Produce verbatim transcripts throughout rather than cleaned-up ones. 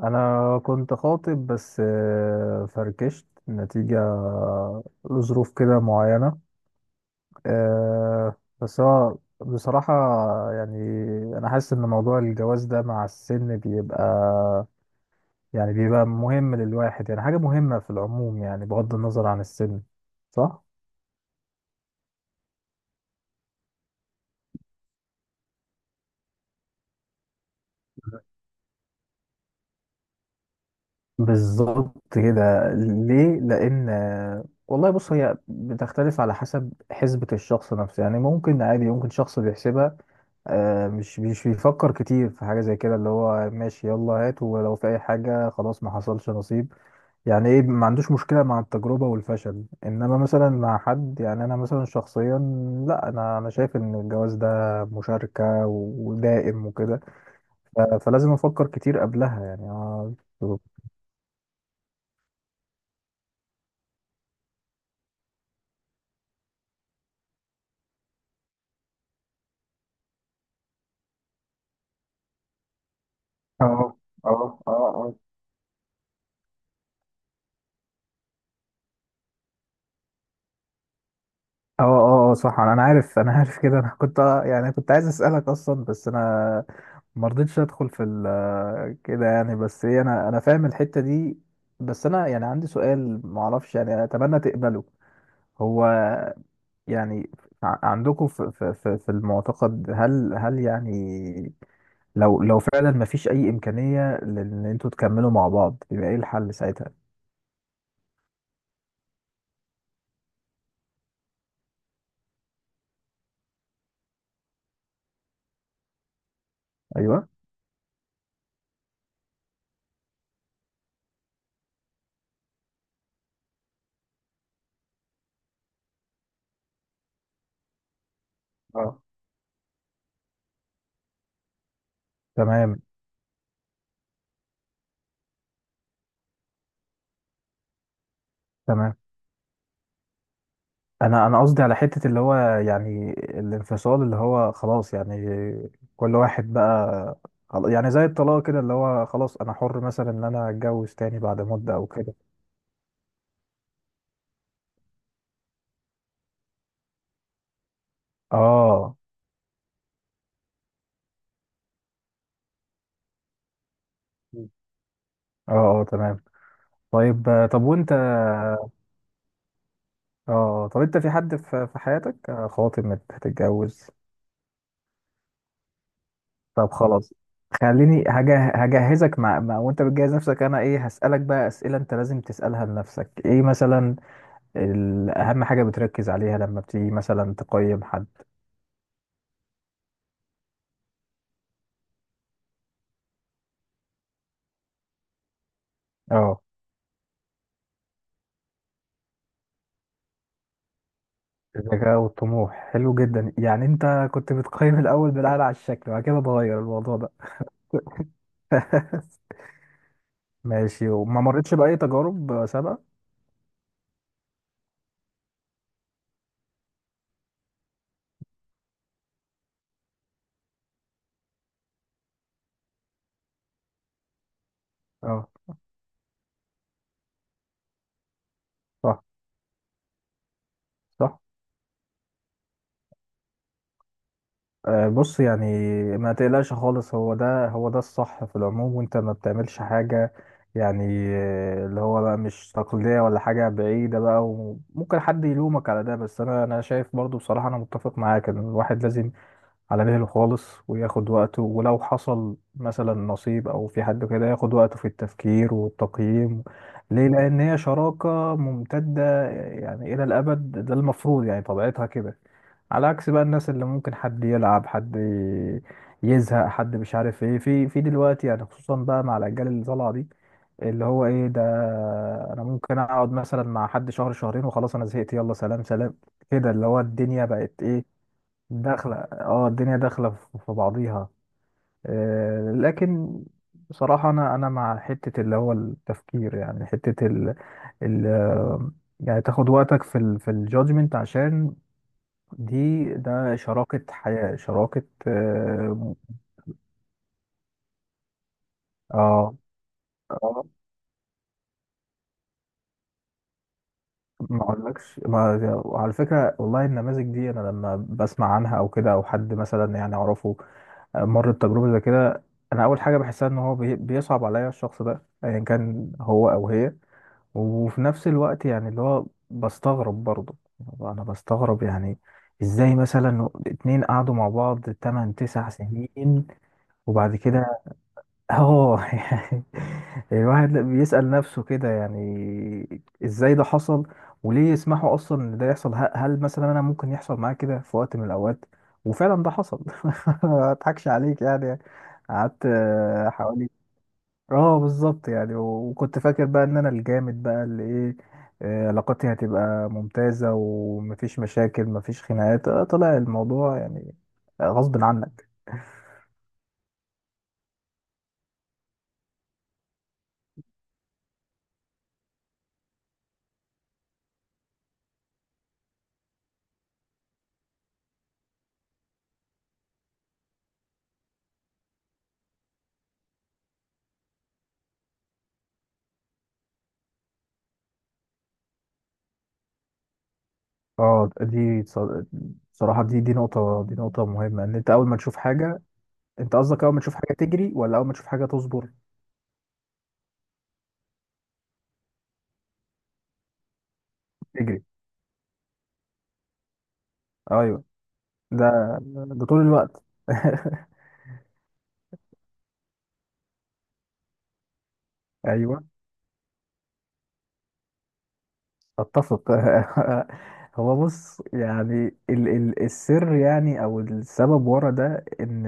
انا كنت خاطب بس آه، فركشت نتيجة لظروف كده معينة آه، بس هو بصراحة، يعني انا حاسس ان موضوع الجواز ده مع السن بيبقى، يعني بيبقى مهم للواحد، يعني حاجة مهمة في العموم، يعني بغض النظر عن السن، صح؟ بالظبط كده. ليه؟ لان والله بص، هي بتختلف على حسب حسبة الشخص نفسه، يعني ممكن عادي، ممكن شخص بيحسبها آه، مش مش بيفكر كتير في حاجة زي كده، اللي هو ماشي يلا هات، ولو في أي حاجة خلاص ما حصلش نصيب. يعني إيه، ما عندوش مشكلة مع التجربة والفشل، إنما مثلا مع حد، يعني أنا مثلا شخصيا، لا أنا أنا شايف إن الجواز ده مشاركة و- ودائم وكده، ف- فلازم أفكر كتير قبلها، يعني آه، اه، اه، اه، اه، اه، اه، اه، صح، انا أنا عارف، انا عارف كده. انا كنت، يعني كنت عايز اسالك اصلا، بس انا ما رضيتش ادخل في ال- كده، يعني. بس ايه، انا انا فاهم الحتة دي. بس انا، يعني عندي سؤال ما اعرفش، يعني اتمنى تقبله. هو، يعني ع- عندكم في في في في المعتقد، هل هل يعني، لو لو فعلا ما فيش اي امكانية لان انتوا تكملوا مع بعض، يبقى ايه الحل ساعتها؟ ايوه، اه، تمام، تمام. انا انا قصدي على حتة اللي هو، يعني الانفصال، اللي هو خلاص يعني كل واحد بقى، خلاص- يعني زي الطلاق كده، اللي هو خلاص انا حر مثلا ان انا اتجوز تاني بعد مدة او كده. اه، مم. اه، اه، تمام. طيب، آه، طب وانت اه آه، طب انت في حد في في حياتك، آه، خاطب، مت- هتتجوز؟ طب خلاص. خليني هجه... هجهزك مع... مع، وانت بتجهز نفسك، انا ايه هسألك بقى، اسئلة انت لازم تسألها لنفسك. ايه مثلا اهم حاجه بتركز عليها لما بتيجي مثلا تقيم حد؟ اه، الذكاء والطموح حلو جدا يعني. انت كنت بتقيم الاول بناء على الشكل وبعد كده اتغير الموضوع ده؟ ماشي، وما مرتش باي تجارب سابقه؟ اه، صح، صح. آه، بص يعني، ما تقلقش خالص، هو ده هو ده الصح في العموم، وانت ما بتعملش حاجه يعني، آه، اللي هو بقى مش تقليديه ولا حاجه بعيده بقى، وممكن حد يلومك على ده. بس انا انا شايف برضو بصراحه انا متفق معاك ان الواحد لازم على مهله خالص وياخد وقته، ولو حصل مثلا نصيب او في حد كده ياخد وقته في التفكير والتقييم. ليه؟ لان هي شراكة ممتدة، يعني الى الابد، ده المفروض يعني طبيعتها كده، على عكس بقى الناس اللي ممكن حد يلعب حد يزهق حد، مش عارف ايه في في دلوقتي، يعني خصوصا بقى مع الاجيال اللي طالعه دي، اللي هو ايه ده، انا ممكن اقعد مثلا مع حد شهر شهرين وخلاص انا زهقت، يلا سلام سلام. كده اللي هو الدنيا بقت ايه، داخلة، اه، الدنيا داخلة في في بعضيها. آه، لكن بصراحة، أنا أنا مع حتة اللي هو التفكير، يعني حتة ال ال آه، يعني تاخد وقتك في ال في الجادجمنت عشان دي ده شراكة حياة، شراكة. اه، اه. آه، ما اقولكش ما. وعلى فكرة والله، النماذج دي أنا لما بسمع عنها أو كده، أو حد مثلا يعني أعرفه مر بتجربة زي كده، أنا أول حاجة بحسها إن هو بي- بيصعب عليا الشخص ده، أيا كان هو أو هي، وفي نفس الوقت يعني، اللي هو بستغرب برضه، أنا بستغرب يعني إزاي مثلا اتنين قعدوا مع بعض تمن تسع سنين وبعد كده، اه يعني الواحد لا بيسأل نفسه كده، يعني ازاي ده حصل، وليه يسمحوا اصلا ان ده يحصل؟ ه- هل مثلا انا ممكن يحصل معايا كده في وقت من الاوقات؟ وفعلا ده حصل. ما اضحكش عليك يعني. يعني قعدت آه، حوالي، اه بالظبط. يعني و- وكنت فاكر بقى ان انا الجامد بقى اللي ايه، آه، علاقاتي هتبقى ممتازة، ومفيش مشاكل، مفيش خناقات، آه، طلع الموضوع يعني غصب عنك. اه، دي ص- صراحة، دي دي نقطة، دي نقطة مهمة، ان انت اول ما تشوف حاجة. انت قصدك اول ما تشوف حاجة تجري ولا اول ما تشوف حاجة تصبر؟ تجري، ايوه، ده ده طول الوقت. ايوه، اتفق. هو بص، يعني ال ال السر، يعني او السبب ورا ده، ان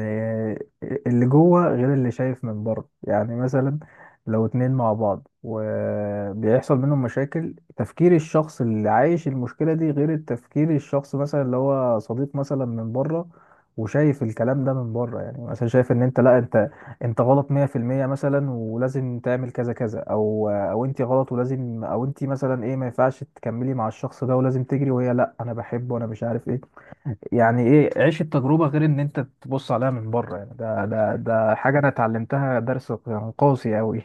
اللي جوه غير اللي شايف من بره. يعني مثلا لو اتنين مع بعض وبيحصل منهم مشاكل، تفكير الشخص اللي عايش المشكلة دي غير التفكير الشخص مثلا اللي هو صديق مثلا من بره، وشايف الكلام ده من بره، يعني مثلا شايف ان انت، لا انت، انت غلط مية في المية، مثلا ولازم تعمل كذا كذا، او او انت غلط ولازم، او انت مثلا ايه، ما ينفعش تكملي مع الشخص ده ولازم تجري. وهي لا، انا بحبه وانا مش عارف ايه. يعني ايه عيش التجربة غير ان انت تبص عليها من بره؟ يعني ده ده ده حاجة انا اتعلمتها، درس قاسي قوي.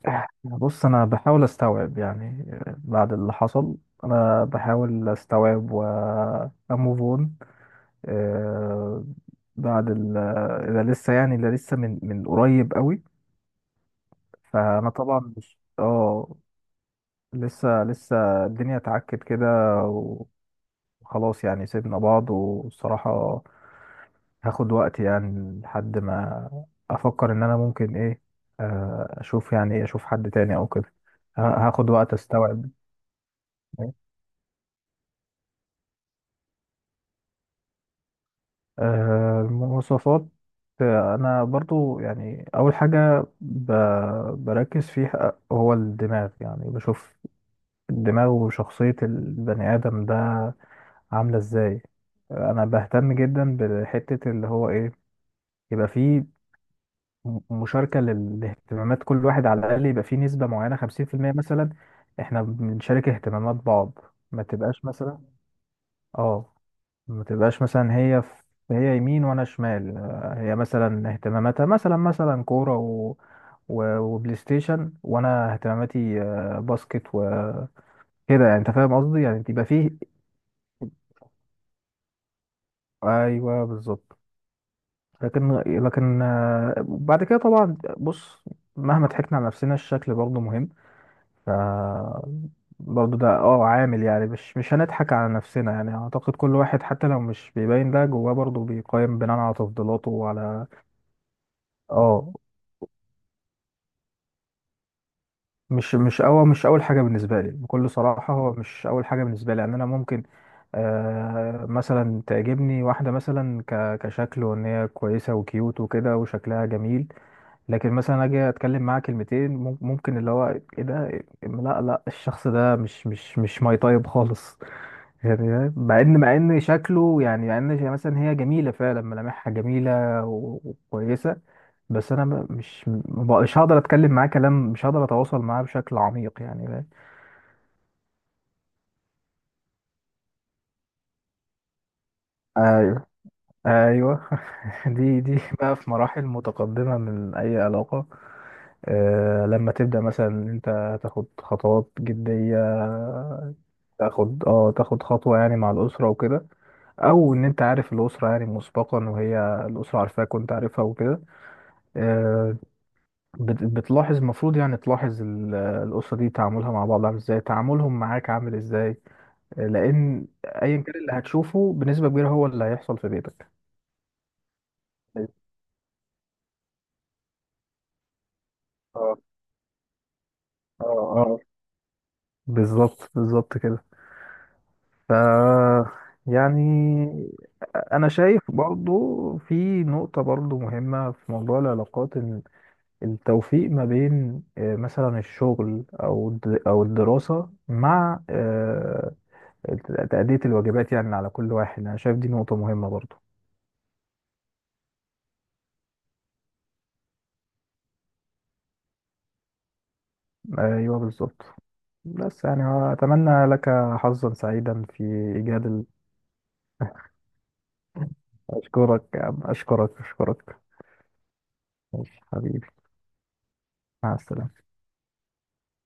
بص، انا بحاول استوعب يعني بعد اللي حصل. انا بحاول استوعب واموف اون بعد ال- ده. لسه يعني، ده لسه من من قريب قوي، فانا طبعا مش، اه، لسه، لسه. الدنيا اتعكت كده، وخلاص يعني سيبنا بعض. والصراحة هاخد وقت يعني لحد ما افكر ان انا ممكن ايه، آه، اشوف، يعني ايه، اشوف حد تاني او كده. ه- هاخد وقت استوعب. آه، المواصفات. آه، انا برضو يعني اول حاجة ب- بركز فيها هو الدماغ، يعني بشوف الدماغ وشخصية البني ادم ده عاملة ازاي. انا بهتم جدا بحتة اللي هو ايه، يبقى فيه م- مشاركة لل- لاهتمامات، كل واحد على الاقل يبقى فيه نسبة معينة خمسين في المية مثلا، احنا بنشارك اهتمامات بعض. ما تبقاش مثلا، اه، ما تبقاش مثلا هي في، هي يمين وانا شمال. آه، هي مثلا اهتماماتها مثلا مثلا كورة و... و... وبلاي ستيشن، وانا اهتماماتي آه، باسكت وكده. يعني انت فاهم قصدي يعني، تبقى فيه. ايوه، بالظبط. لكن لكن آه، بعد كده طبعا بص، مهما ضحكنا على نفسنا الشكل برضه مهم. ف، برضه ده اه عامل يعني، مش مش هنضحك على نفسنا، يعني اعتقد كل واحد حتى لو مش بيبين ده جواه برضه بيقيم بناء على تفضيلاته وعلى. اه، مش مش اول مش اول حاجه بالنسبه لي بكل صراحه، هو مش اول حاجه بالنسبه لي، يعني انا ممكن آه مثلا تعجبني واحده مثلا ك- كشكل، وان هي كويسه وكيوت وكده وشكلها جميل، لكن مثلا اجي اتكلم معاه كلمتين، مم- ممكن اللي هو ايه ده، لا لا، الشخص ده مش مش مش ماي طيب خالص. يعني مع ان مع ان شكله، يعني مع ان شي- مثلا هي جميله فعلا، ملامحها جميله و- وكويسه، بس انا م- مش م- مش هقدر اتكلم معاه كلام، مش هقدر اتواصل معاه بشكل عميق، يعني فاهم؟ ايوه، ايوه. دي دي بقى في مراحل متقدمه من اي علاقه، آه، لما تبدأ مثلا إن انت تاخد خطوات جدية، تاخد اه تاخد خطوة يعني مع الأسرة وكده، أو إن أنت عارف الأسرة يعني مسبقا، وهي الأسرة عارفاك وأنت عارفها وكده. آه، بت- بتلاحظ، المفروض يعني تلاحظ ال- الأسرة دي تعاملها مع بعض عامل إزاي، تعاملهم معاك عامل إزاي. آه، لأن أيا كان اللي هتشوفه بنسبة كبيرة هو اللي هيحصل في بيتك. اه، اه، اه، بالظبط، بالظبط كده. ف يعني، انا شايف برضو في نقطة برضو مهمة في موضوع العلاقات، ان التوفيق ما بين آه، مثلا الشغل او الد- او الدراسة مع آه، تأدية الواجبات يعني على كل واحد. انا شايف دي نقطة مهمة برضو. ايوه، بالظبط. بس يعني، اتمنى لك حظا سعيدا في ايجاد ال- اشكرك يا عم، اشكرك، اشكرك. ماشي حبيبي، مع السلامة